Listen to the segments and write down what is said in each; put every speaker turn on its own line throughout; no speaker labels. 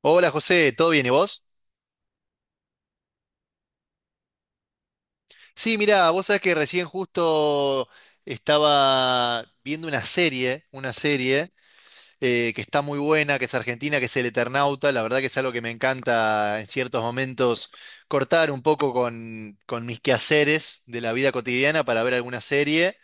Hola José, ¿todo bien y vos? Sí, mirá, vos sabés que recién justo estaba viendo una serie que está muy buena, que es argentina, que es El Eternauta. La verdad que es algo que me encanta en ciertos momentos cortar un poco con mis quehaceres de la vida cotidiana para ver alguna serie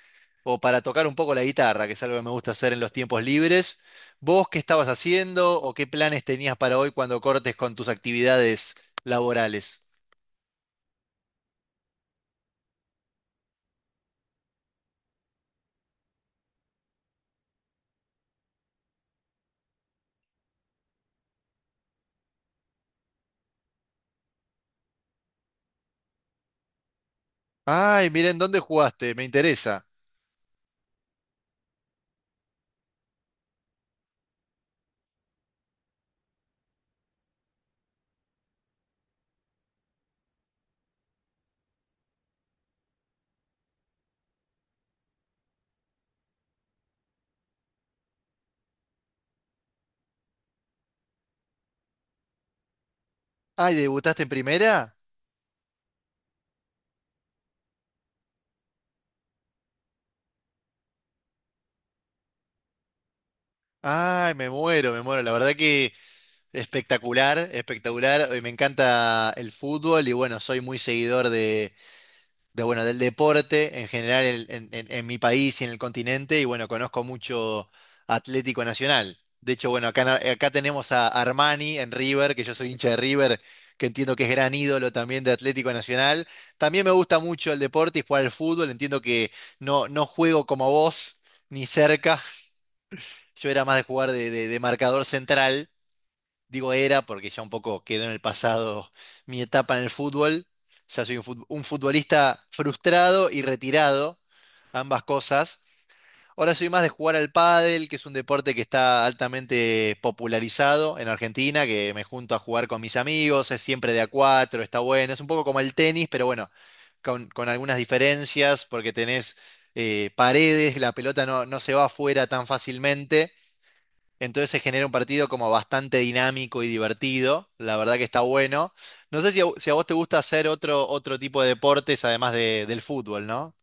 o para tocar un poco la guitarra, que es algo que me gusta hacer en los tiempos libres. ¿Vos qué estabas haciendo o qué planes tenías para hoy cuando cortes con tus actividades laborales? Ay, miren, ¿dónde jugaste? Me interesa. Ay, ¿debutaste en primera? Ay, me muero, me muero. La verdad que espectacular, espectacular. Me encanta el fútbol y bueno, soy muy seguidor bueno, del deporte en general en mi país y en el continente, y bueno, conozco mucho Atlético Nacional. De hecho, bueno, acá, en acá tenemos a Armani en River, que yo soy hincha de River, que entiendo que es gran ídolo también de Atlético Nacional. También me gusta mucho el deporte y jugar al fútbol, entiendo que no juego como vos, ni cerca. Yo era más de jugar de marcador central. Digo era porque ya un poco quedó en el pasado mi etapa en el fútbol. Ya soy un un futbolista frustrado y retirado, ambas cosas. Ahora soy más de jugar al pádel, que es un deporte que está altamente popularizado en Argentina, que me junto a jugar con mis amigos, es siempre de a cuatro, está bueno. Es un poco como el tenis, pero bueno, con algunas diferencias, porque tenés paredes, la pelota no se va afuera tan fácilmente. Entonces se genera un partido como bastante dinámico y divertido. La verdad que está bueno. No sé si si a vos te gusta hacer otro tipo de deportes además del fútbol, ¿no?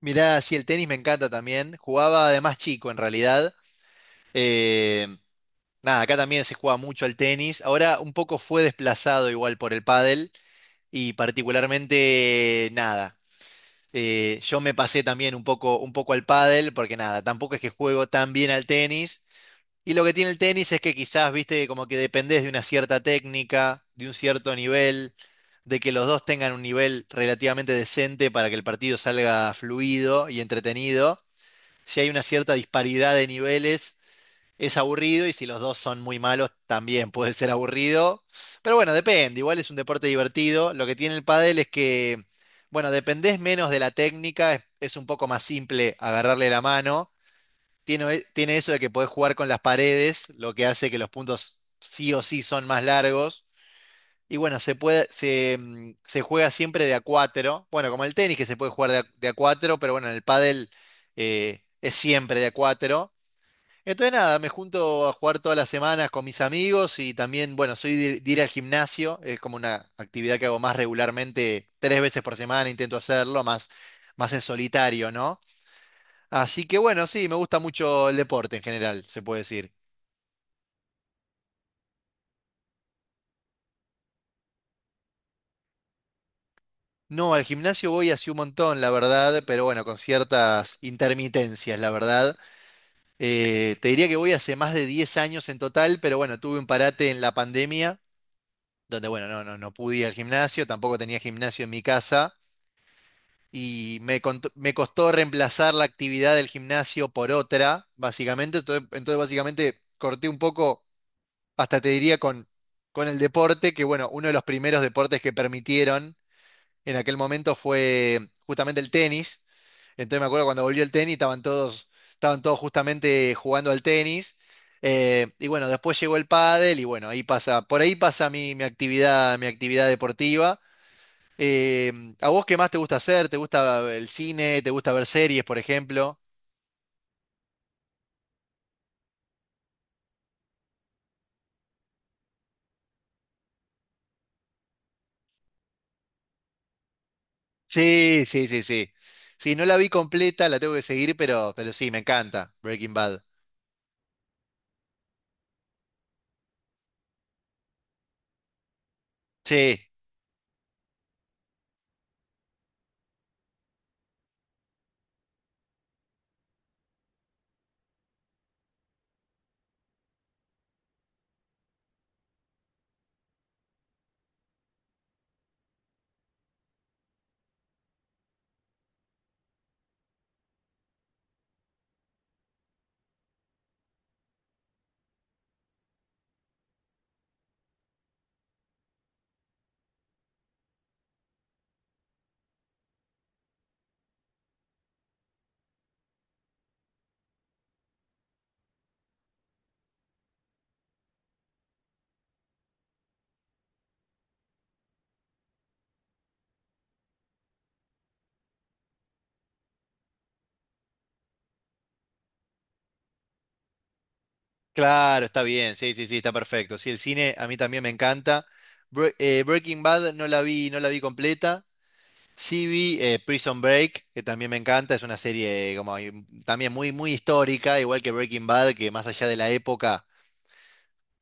Mirá, sí, el tenis me encanta también. Jugaba además chico en realidad. Eh, nada, acá también se juega mucho al tenis. Ahora un poco fue desplazado igual por el pádel y particularmente nada. Yo me pasé también un poco al pádel porque nada, tampoco es que juego tan bien al tenis. Y lo que tiene el tenis es que quizás, viste, como que dependés de una cierta técnica, de un cierto nivel, de que los dos tengan un nivel relativamente decente para que el partido salga fluido y entretenido. Si hay una cierta disparidad de niveles, es aburrido y si los dos son muy malos, también puede ser aburrido. Pero bueno, depende, igual es un deporte divertido. Lo que tiene el pádel es que, bueno, dependés menos de la técnica, es un poco más simple agarrarle la mano tiene eso de que podés jugar con las paredes, lo que hace que los puntos sí o sí son más largos. Y bueno, se puede, se, mm, se juega siempre de a cuatro. Bueno, como el tenis que se puede jugar de a cuatro, pero bueno, en el pádel es siempre de a cuatro. Entonces nada, me junto a jugar todas las semanas con mis amigos y también, bueno, soy de ir al gimnasio, es como una actividad que hago más regularmente, tres veces por semana intento hacerlo, más en solitario, ¿no? Así que bueno, sí, me gusta mucho el deporte en general, se puede decir. No, al gimnasio voy hace un montón, la verdad, pero bueno, con ciertas intermitencias, la verdad. Te diría que voy hace más de 10 años en total, pero bueno, tuve un parate en la pandemia, donde bueno, no pude ir al gimnasio, tampoco tenía gimnasio en mi casa, me costó reemplazar la actividad del gimnasio por otra, básicamente. Entonces básicamente corté un poco hasta te diría con el deporte, que bueno, uno de los primeros deportes que permitieron en aquel momento fue justamente el tenis. Entonces me acuerdo cuando volvió el tenis, estaban todos justamente jugando al tenis. Y bueno, después llegó el pádel y bueno, por ahí pasa mi actividad deportiva. Eh, ¿A vos qué más te gusta hacer? ¿Te gusta el cine? ¿Te gusta ver series, por ejemplo? Sí, sí, sí, sí. Sí, no la vi completa, la tengo que seguir, pero sí, me encanta Breaking Bad. Sí. Claro, está bien, sí, sí, sí, está perfecto. Sí, el cine a mí también me encanta. Breaking Bad no la vi, no la vi completa. Sí vi Prison Break, que también me encanta, es una serie como ahí, también muy histórica, igual que Breaking Bad, que más allá de la época,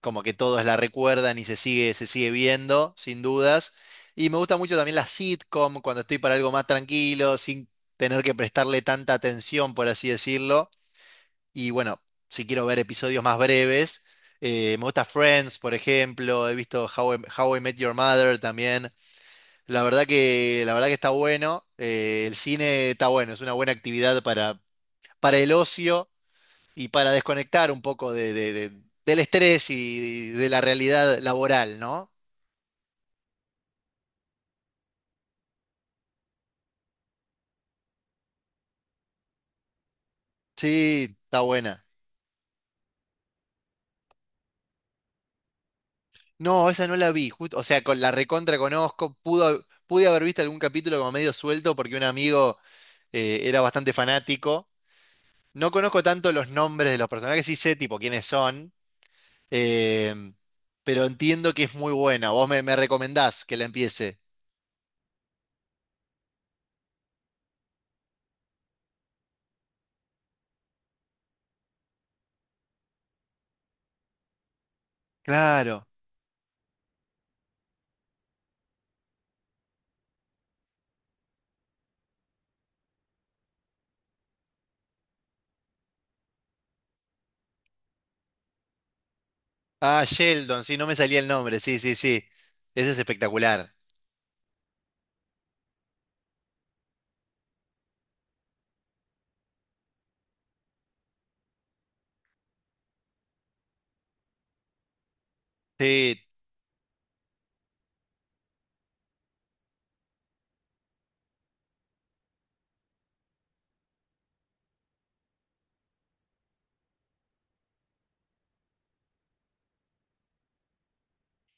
como que todos la recuerdan y se sigue viendo, sin dudas. Y me gusta mucho también la sitcom, cuando estoy para algo más tranquilo, sin tener que prestarle tanta atención, por así decirlo. Y bueno, si quiero ver episodios más breves, me gusta Friends, por ejemplo, he visto How I Met Your Mother también. La verdad que está bueno, el cine está bueno, es una buena actividad para el ocio y para desconectar un poco del estrés y de la realidad laboral, ¿no? Sí, está buena. No, esa no la vi, justo, o sea, con la recontra conozco, pude haber visto algún capítulo como medio suelto porque un amigo era bastante fanático. No conozco tanto los nombres de los personajes, sí sé tipo quiénes son, em, pero entiendo que es muy buena. Me recomendás que la empiece. Claro. Ah, Sheldon, sí, no me salía el nombre, sí, sí, sí. Ese es espectacular. Sí.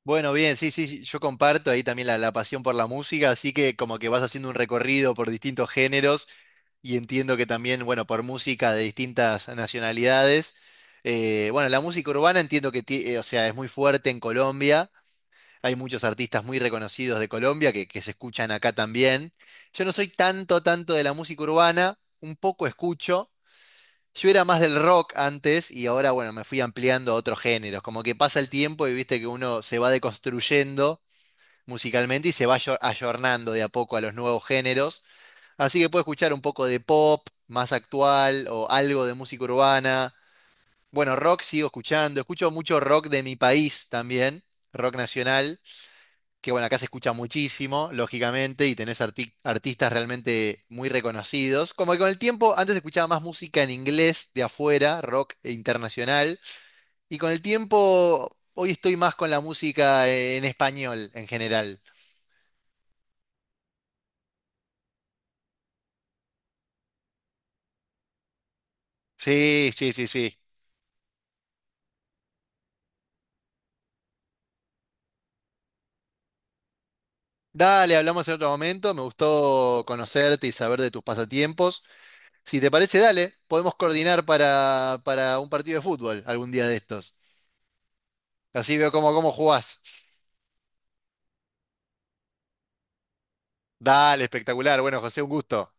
Bueno, bien, sí, sí, yo comparto ahí también la pasión por la música, así que como que vas haciendo un recorrido por distintos géneros y entiendo que también, bueno, por música de distintas nacionalidades. Bueno, la música urbana entiendo que, o sea, es muy fuerte en Colombia. Hay muchos artistas muy reconocidos de Colombia que se escuchan acá también. Yo no soy tanto de la música urbana, un poco escucho. Yo era más del rock antes y ahora, bueno, me fui ampliando a otros géneros. Como que pasa el tiempo y viste que uno se va deconstruyendo musicalmente y se va ayornando de a poco a los nuevos géneros. Así que puedo escuchar un poco de pop más actual o algo de música urbana. Bueno, rock sigo escuchando. Escucho mucho rock de mi país también, rock nacional que bueno, acá se escucha muchísimo, lógicamente, y tenés artistas realmente muy reconocidos. Como que con el tiempo, antes se escuchaba más música en inglés de afuera, rock e internacional, y con el tiempo, hoy estoy más con la música en español en general. Sí, sí, sí, sí. Dale, hablamos en otro momento. Me gustó conocerte y saber de tus pasatiempos. Si te parece, dale, podemos coordinar para un partido de fútbol algún día de estos. Así veo cómo jugás. Dale, espectacular. Bueno, José, un gusto.